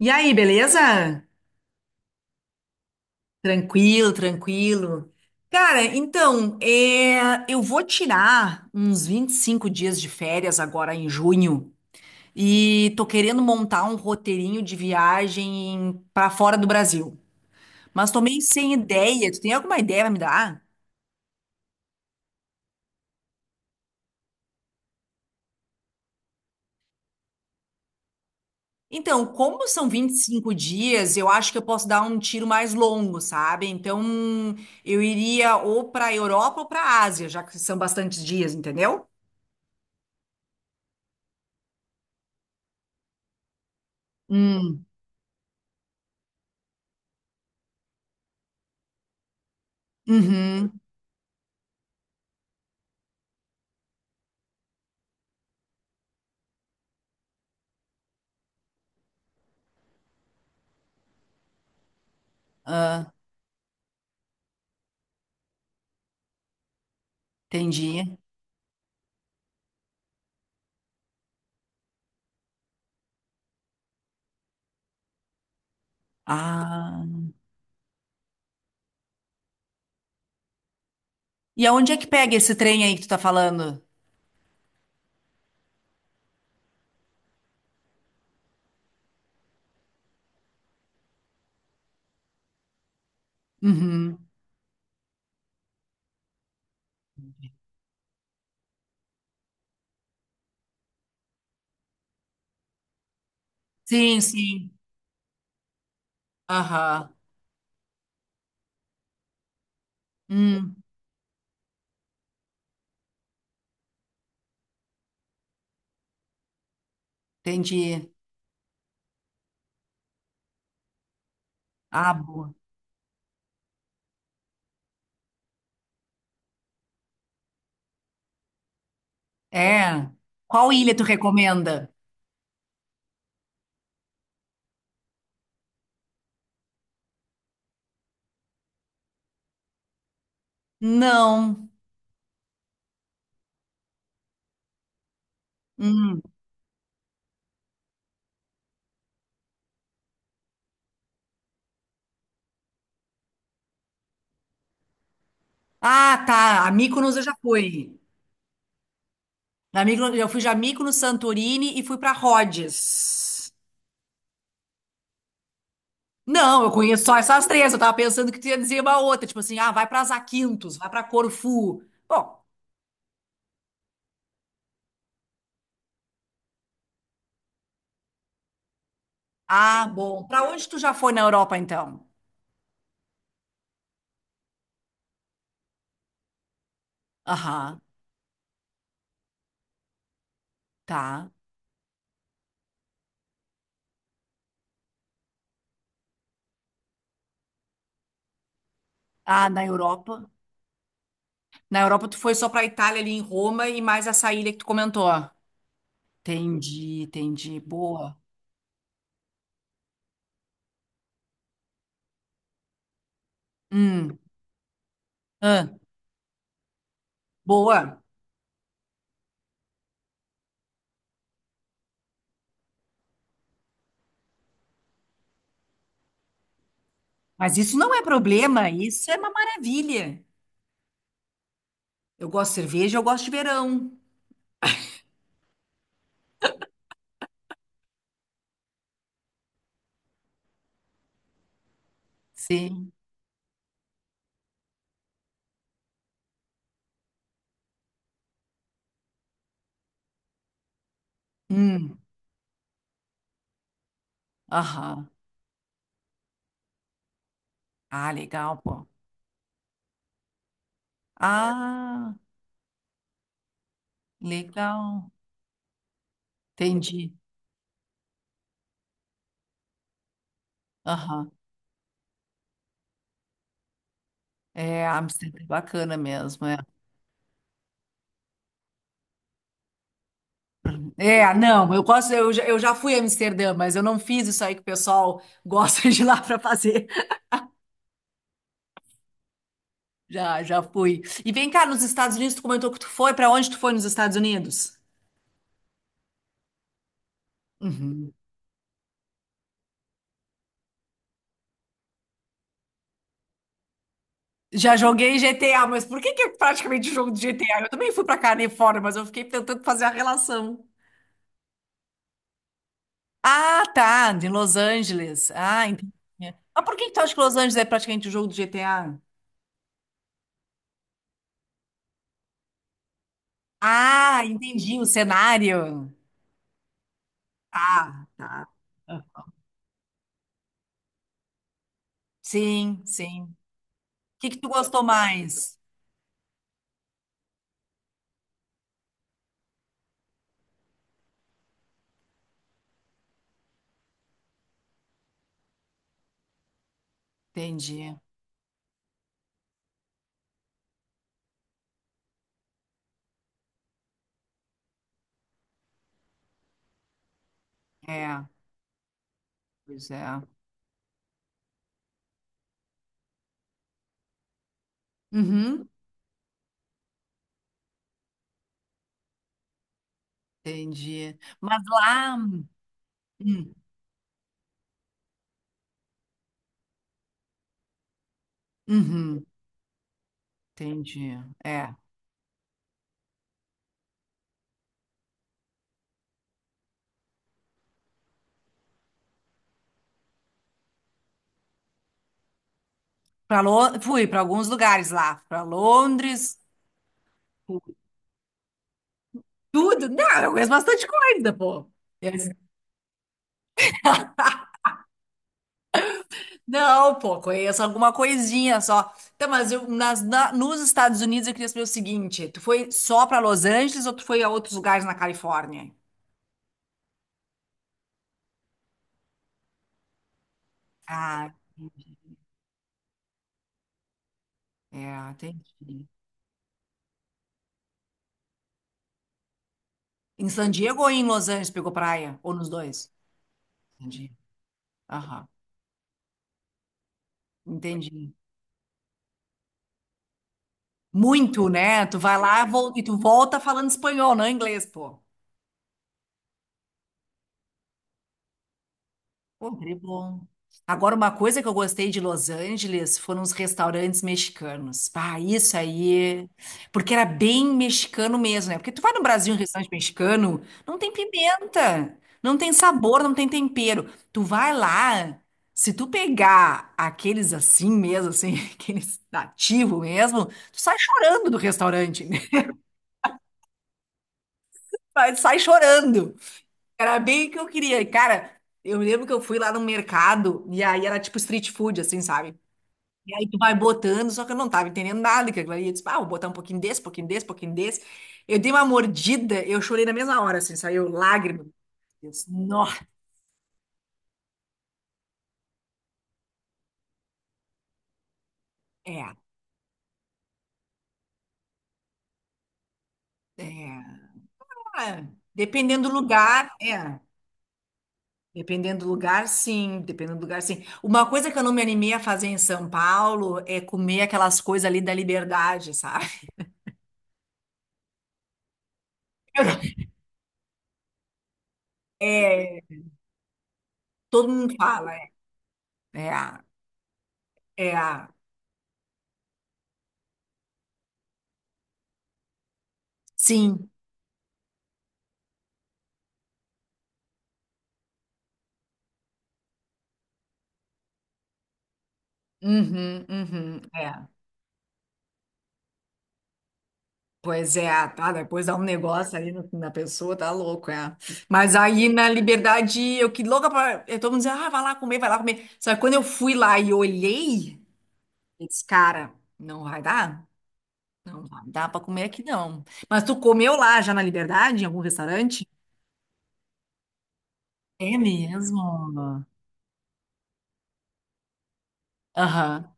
E aí, beleza? Tranquilo, tranquilo. Cara, então, eu vou tirar uns 25 dias de férias agora em junho e tô querendo montar um roteirinho de viagem pra fora do Brasil. Mas tô meio sem ideia. Tu tem alguma ideia pra me dar? Então, como são 25 dias, eu acho que eu posso dar um tiro mais longo, sabe? Então, eu iria ou pra Europa ou pra Ásia, já que são bastantes dias, entendeu? Hum. Uhum. Ah, entendi. Ah. E aonde é que pega esse trem aí que tu tá falando? Uhum. Sim, sim. Aham. Hum, entendi. Ah, boa. É. Qual ilha tu recomenda? Não. Hum. Ah, tá. A Mykonos eu já fui. Na Mykonos, eu fui já Mykonos, Santorini e fui pra Rhodes. Não, eu conheço só essas três. Eu tava pensando que tu ia dizer uma outra, tipo assim, ah, vai pra Zakynthos, vai pra Corfu. Bom, ah, bom. Para onde tu já foi na Europa, então? Aham, tá. Ah, na Europa? Na Europa tu foi só pra Itália ali em Roma e mais essa ilha que tu comentou. Entendi, entendi. Boa. Hum, ah, boa. Mas isso não é problema, isso é uma maravilha. Eu gosto de cerveja, eu gosto de verão. Sim. Hum, aham. Ah, legal, pô. Ah, legal. Entendi. Aham. É, Amsterdã é bacana mesmo, é. É, não, eu gosto, eu já fui a Amsterdã, mas eu não fiz isso aí que o pessoal gosta de ir lá para fazer. Já, já fui. E vem cá, nos Estados Unidos, tu comentou que tu foi, para onde tu foi nos Estados Unidos? Uhum. Já joguei GTA, mas por que que é praticamente jogo de GTA? Eu também fui para Califórnia, mas eu fiquei tentando fazer a relação. Ah, tá, de Los Angeles. Ah, entendi. Mas por que que tu acha que Los Angeles é praticamente o jogo do GTA? Ah, entendi o cenário. Ah, tá. Sim, sim. Que tu gostou mais? Entendi. É, pois é. Uhum. Entendi. Mas lá. Hum, uhum, entendi. É. Pra fui para alguns lugares lá, para Londres, tudo. Não, eu conheço bastante coisa, pô. Eu Não, pô, conheço alguma coisinha só. Então, mas nos Estados Unidos eu queria saber o seguinte: tu foi só para Los Angeles ou tu foi a outros lugares na Califórnia? Ah, é, entendi. Em San Diego ou em Los Angeles pegou praia? Ou nos dois? Entendi. Aham, entendi. Muito, né? Tu vai lá vol- E tu volta falando espanhol, não inglês, pô. Sempre bom. Agora, uma coisa que eu gostei de Los Angeles foram os restaurantes mexicanos. Ah, isso aí. Porque era bem mexicano mesmo, né? Porque tu vai no Brasil em restaurante mexicano, não tem pimenta, não tem sabor, não tem tempero. Tu vai lá, se tu pegar aqueles assim mesmo, assim, aqueles nativos mesmo, tu sai chorando do restaurante, né? Mas sai chorando. Era bem o que eu queria. E, cara, eu lembro que eu fui lá no mercado e aí era tipo street food, assim, sabe? E aí tu vai botando, só que eu não tava entendendo nada que aquilo ali. Eu disse, ah, vou botar um pouquinho desse, pouquinho desse, pouquinho desse. Eu dei uma mordida, eu chorei na mesma hora, assim, saiu lágrima. Eu disse, nó, é, é. Ah, dependendo do lugar, é. Dependendo do lugar, sim. Dependendo do lugar, sim. Uma coisa que eu não me animei a fazer em São Paulo é comer aquelas coisas ali da liberdade, sabe? É, todo mundo fala. É a, é a, sim, uhum, uhum, é. Pois é, tá, depois dá um negócio ali na pessoa, tá louco, é. Mas aí na liberdade, eu que louca pra, eu todo mundo dizendo, ah, vai lá comer, vai lá comer. Só que quando eu fui lá e olhei, eu disse, cara, não vai dar, não vai dar pra comer aqui não. Mas tu comeu lá já na liberdade, em algum restaurante? É mesmo? Aham.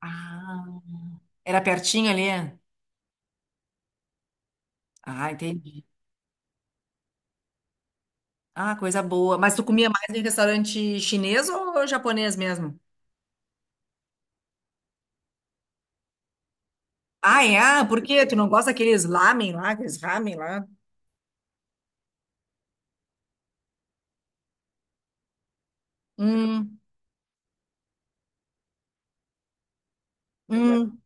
Ah, era pertinho ali? Ah, entendi. Ah, coisa boa. Mas tu comia mais em restaurante chinês ou japonês mesmo? Ah, é? Ah, por quê? Tu não gosta daqueles lamen lá, aqueles ramen lá? Hum, hum.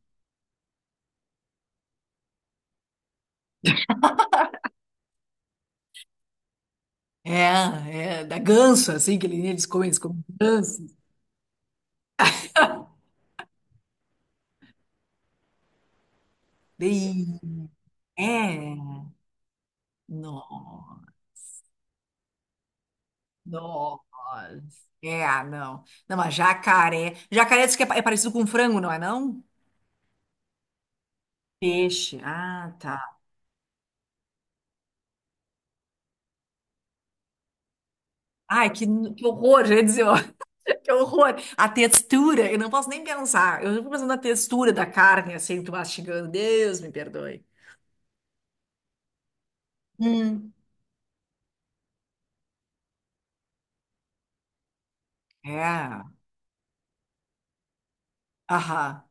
É, é, da ganso, assim, que eles comem ganso. Dei. É, não, não. É, ah, não. Não, mas jacaré. Jacaré diz que é parecido com frango, não é não? Peixe. Ah, tá. Ai, que, que horror, gente. Que horror! A textura, eu não posso nem pensar. Eu fico pensando na textura da carne, assim, tu mastigando. Deus me perdoe. Hum. É, aham.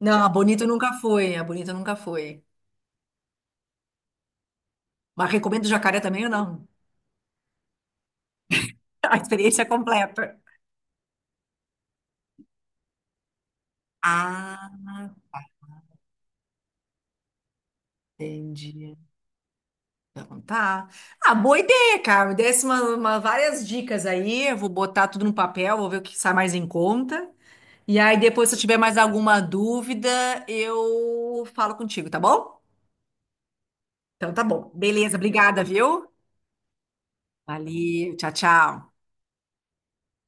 Não, a Bonito nunca foi, a Bonito nunca foi. Mas recomendo jacaré também ou não? A experiência é completa. Ah, entendi. Então tá. Ah, boa ideia, cara. Me desse várias dicas aí. Eu vou botar tudo no papel, vou ver o que sai mais em conta. E aí depois, se eu tiver mais alguma dúvida, eu falo contigo, tá bom? Então tá bom. Beleza, obrigada, viu? Valeu, tchau, tchau.